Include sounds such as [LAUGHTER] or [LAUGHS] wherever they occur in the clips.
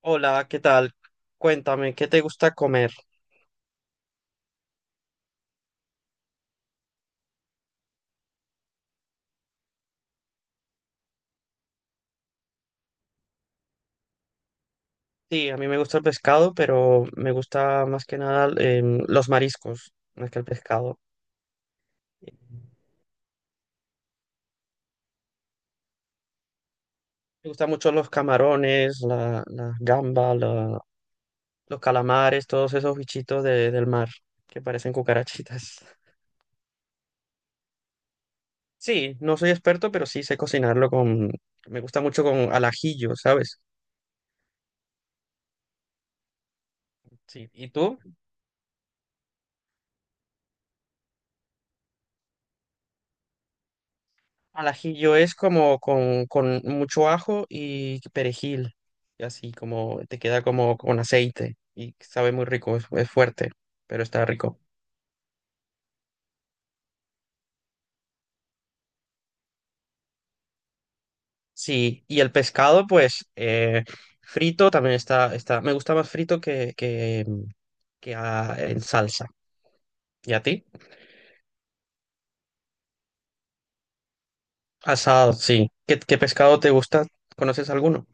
Hola, ¿qué tal? Cuéntame, ¿qué te gusta comer? Sí, a mí me gusta el pescado, pero me gusta más que nada los mariscos, más que el pescado. Me gustan mucho los camarones, la gamba, los calamares, todos esos bichitos del mar que parecen cucarachitas. [LAUGHS] Sí, no soy experto, pero sí sé cocinarlo con... Me gusta mucho con al ajillo, ¿sabes? Sí, ¿y tú? Al ajillo es como con mucho ajo y perejil, y así como te queda como con aceite y sabe muy rico, es fuerte, pero está rico. Sí, y el pescado pues frito también está, me gusta más frito que en salsa. ¿Y a ti? Asado, sí. ¿Qué, qué pescado te gusta? ¿Conoces alguno?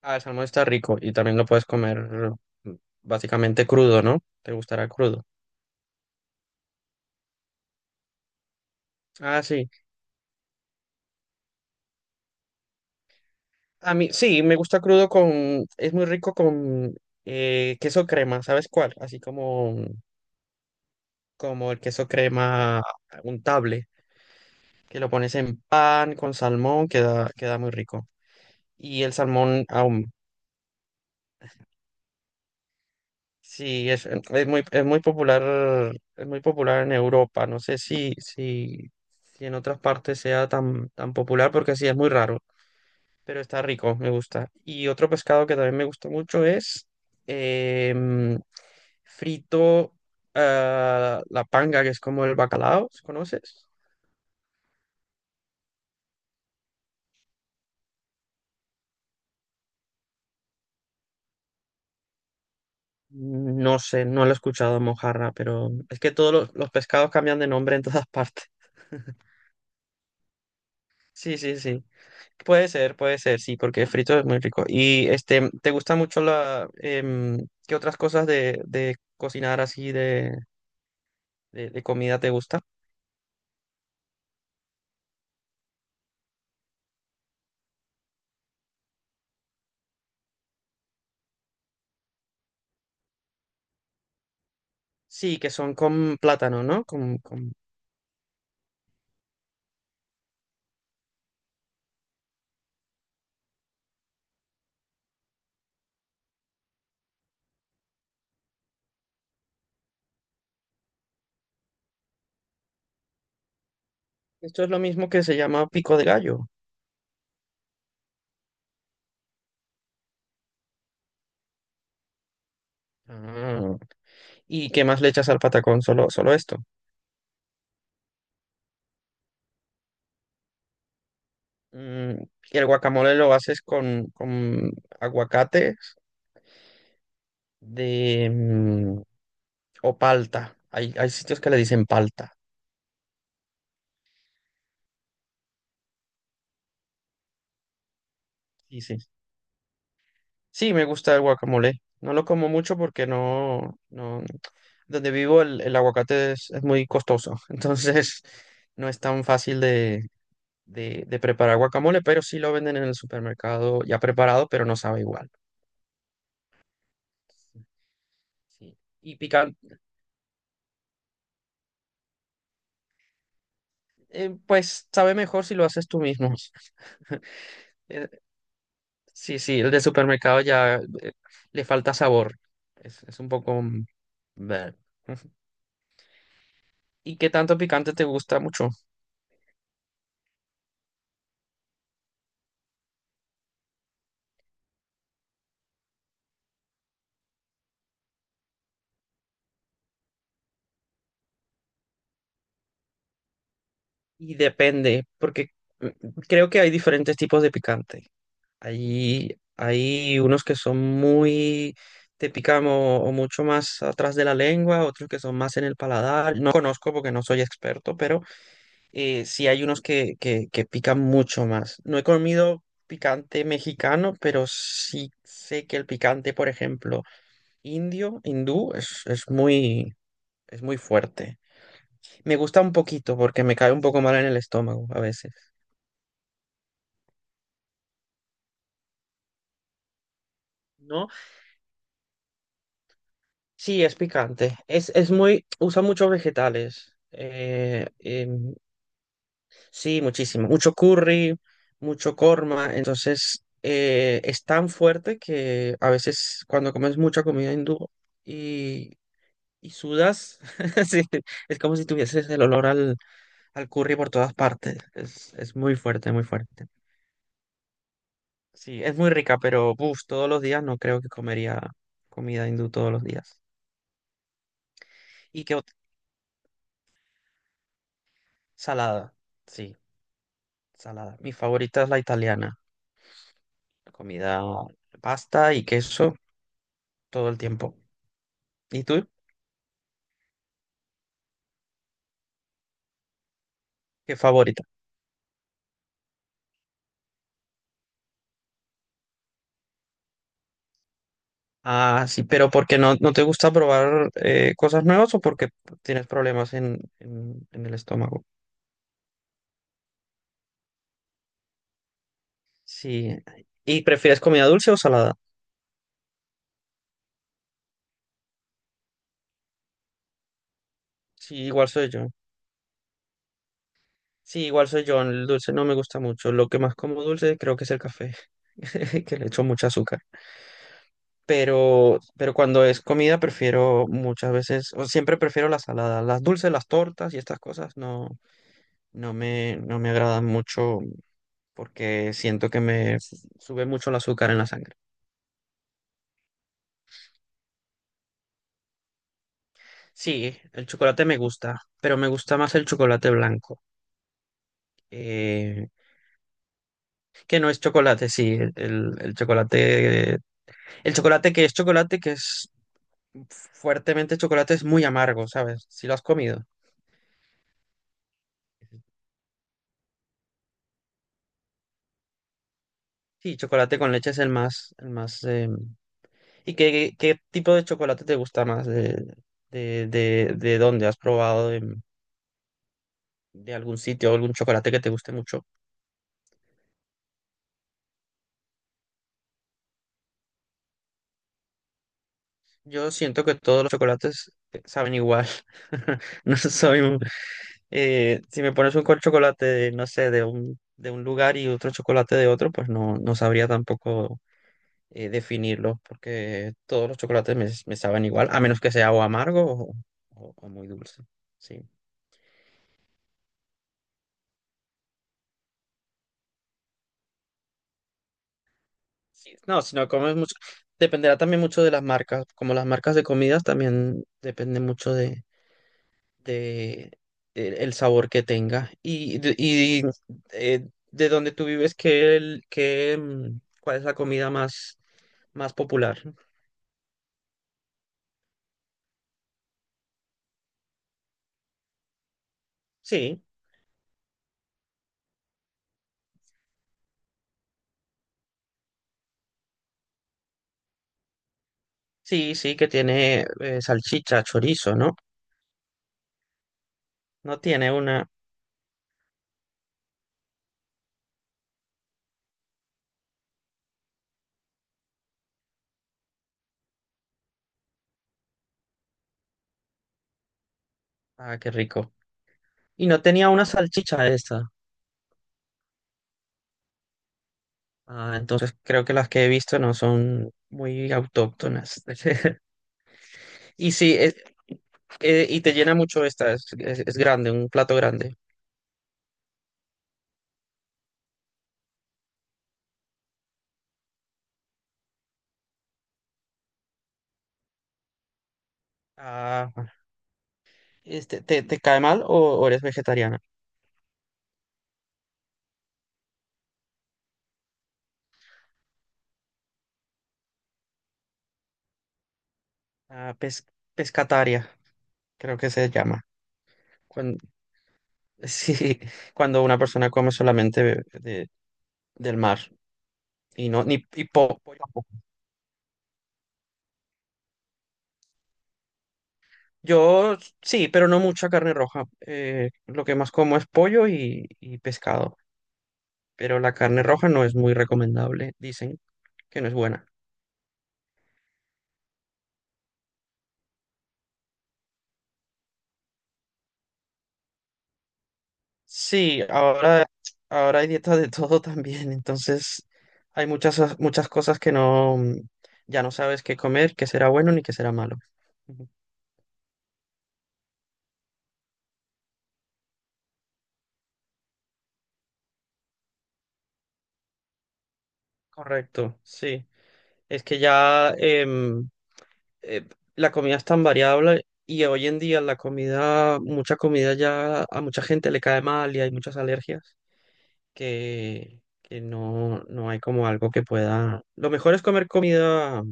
Ah, el salmón está rico y también lo puedes comer mm, básicamente crudo, ¿no? ¿Te gustará crudo? Ah, sí. A mí, sí, me gusta crudo con, es muy rico con queso crema, ¿sabes cuál? Así como, como el queso crema untable, que lo pones en pan con salmón, queda muy rico. Y el salmón aún, sí, es muy popular en Europa. No sé si en otras partes sea tan popular, porque sí, es muy raro. Pero está rico, me gusta. Y otro pescado que también me gusta mucho es em, frito, ah, la panga, que es como el bacalao, ¿conoces? No sé, no lo he escuchado en mojarra, pero es que todos los pescados cambian de nombre en todas partes. [LAUGHS] Sí, sí, sí. Puede ser, sí, porque frito es muy rico. Y este, ¿te gusta mucho qué otras cosas de cocinar así de comida te gusta? Sí, que son con plátano, ¿no? Con... Esto es lo mismo que se llama pico de gallo. Ah. ¿Y qué más le echas al patacón? Solo, solo esto. Mm, y el guacamole lo haces con aguacates de, mm, o palta. Hay sitios que le dicen palta. Sí, sí. Sí, me gusta el guacamole. No lo como mucho porque no, no, donde vivo el aguacate es muy costoso. [LAUGHS] Entonces no es tan fácil de preparar guacamole, pero sí lo venden en el supermercado ya preparado, pero no sabe igual. Sí. Y picante, pues sabe mejor si lo haces tú mismo. [LAUGHS] Eh, sí, sí, el de supermercado ya le falta sabor. Es un poco... mm, bleh. [LAUGHS] ¿Y qué tanto picante te gusta mucho? Y depende, porque mm, creo que hay diferentes tipos de picante. Hay unos que son muy, te pican o mucho más atrás de la lengua, otros que son más en el paladar. No conozco porque no soy experto, pero sí hay unos que pican mucho más. No he comido picante mexicano, pero sí sé que el picante, por ejemplo, indio, hindú, es muy fuerte. Me gusta un poquito porque me cae un poco mal en el estómago a veces. ¿No? Sí, es picante. Es muy, usa muchos vegetales. Sí, muchísimo. Mucho curry, mucho korma. Entonces, es tan fuerte que a veces cuando comes mucha comida hindú y, y sudas, [LAUGHS] sí, es como si tuvieses el olor al curry por todas partes. Es muy fuerte, muy fuerte. Sí, es muy rica, pero uf, todos los días no creo que comería comida hindú todos los días. ¿Y qué ot- Salada. Sí. Salada. Mi favorita es la italiana. La comida, pasta y queso todo el tiempo. ¿Y tú? ¿Qué favorita? Ah, sí, pero porque no te gusta probar cosas nuevas o porque tienes problemas en el estómago? Sí. ¿Y prefieres comida dulce o salada? Sí, igual soy yo. Sí, igual soy yo, el dulce no me gusta mucho. Lo que más como dulce creo que es el café, [LAUGHS] que le echo mucho azúcar. Pero cuando es comida prefiero muchas veces, o siempre prefiero la salada. Las dulces, las tortas y estas cosas no, no me agradan mucho porque siento que me sube mucho el azúcar en la sangre. Sí, el chocolate me gusta, pero me gusta más el chocolate blanco, eh, que no es chocolate, sí, el chocolate. El chocolate, que es fuertemente chocolate, es muy amargo, ¿sabes? Si lo has comido. Sí, chocolate con leche es el más, el más. ¿Y qué, qué tipo de chocolate te gusta más? De dónde has probado? ¿De, algún sitio, algún chocolate que te guste mucho? Yo siento que todos los chocolates saben igual. [LAUGHS] No soy un- si me pones un chocolate, de, no sé, de un lugar y otro chocolate de otro, pues no, no sabría tampoco definirlos porque todos los chocolates me saben igual, a menos que sea o amargo o muy dulce. Sí. Sí, no, sino comes mucho. Dependerá también mucho de las marcas. Como las marcas de comidas también depende mucho de, el sabor que tenga. Y de dónde tú vives, qué, mm, ¿cuál es la comida más, más popular? Sí, sí, sí, que tiene salchicha, chorizo, ¿no? No tiene una. Ah, qué rico. Y no tenía una salchicha esta. Ah, entonces creo que las que he visto no son muy autóctonas. [LAUGHS] Y sí, y te llena mucho esta, es grande, un plato grande. Ah, este, te cae mal o eres vegetariana? Ah, pescataria, creo que se llama. Cuando, [LAUGHS] sí, cuando una persona come solamente de, del mar y no ni y po- pollo tampoco. Yo sí, pero no mucha carne roja. Lo que más como es pollo y pescado, pero la carne roja no es muy recomendable, dicen que no es buena. Sí, ahora, ahora hay dietas de [LAUGHS] todo también, entonces hay muchas, muchas cosas que no, mm, ya no sabes qué comer, qué será bueno ni qué será malo. Ujú. Correcto, sí. Es que ya, eh, la comida es tan variable y hoy en día la comida, mucha comida ya a mucha gente le cae mal y hay muchas alergias que no, no hay como algo que pueda... Lo mejor es comer comida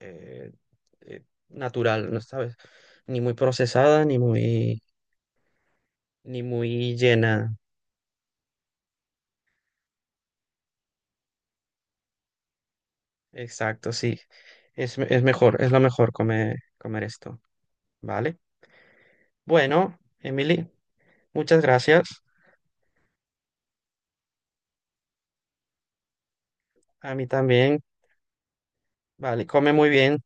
eh, eh, natural, ¿no sabes? Ni muy procesada, ni muy, ni muy llena. Exacto, sí. Es mejor, es lo mejor comer, comer esto, ¿vale? Bueno, Emily, muchas gracias. A mí también, vale, come muy bien.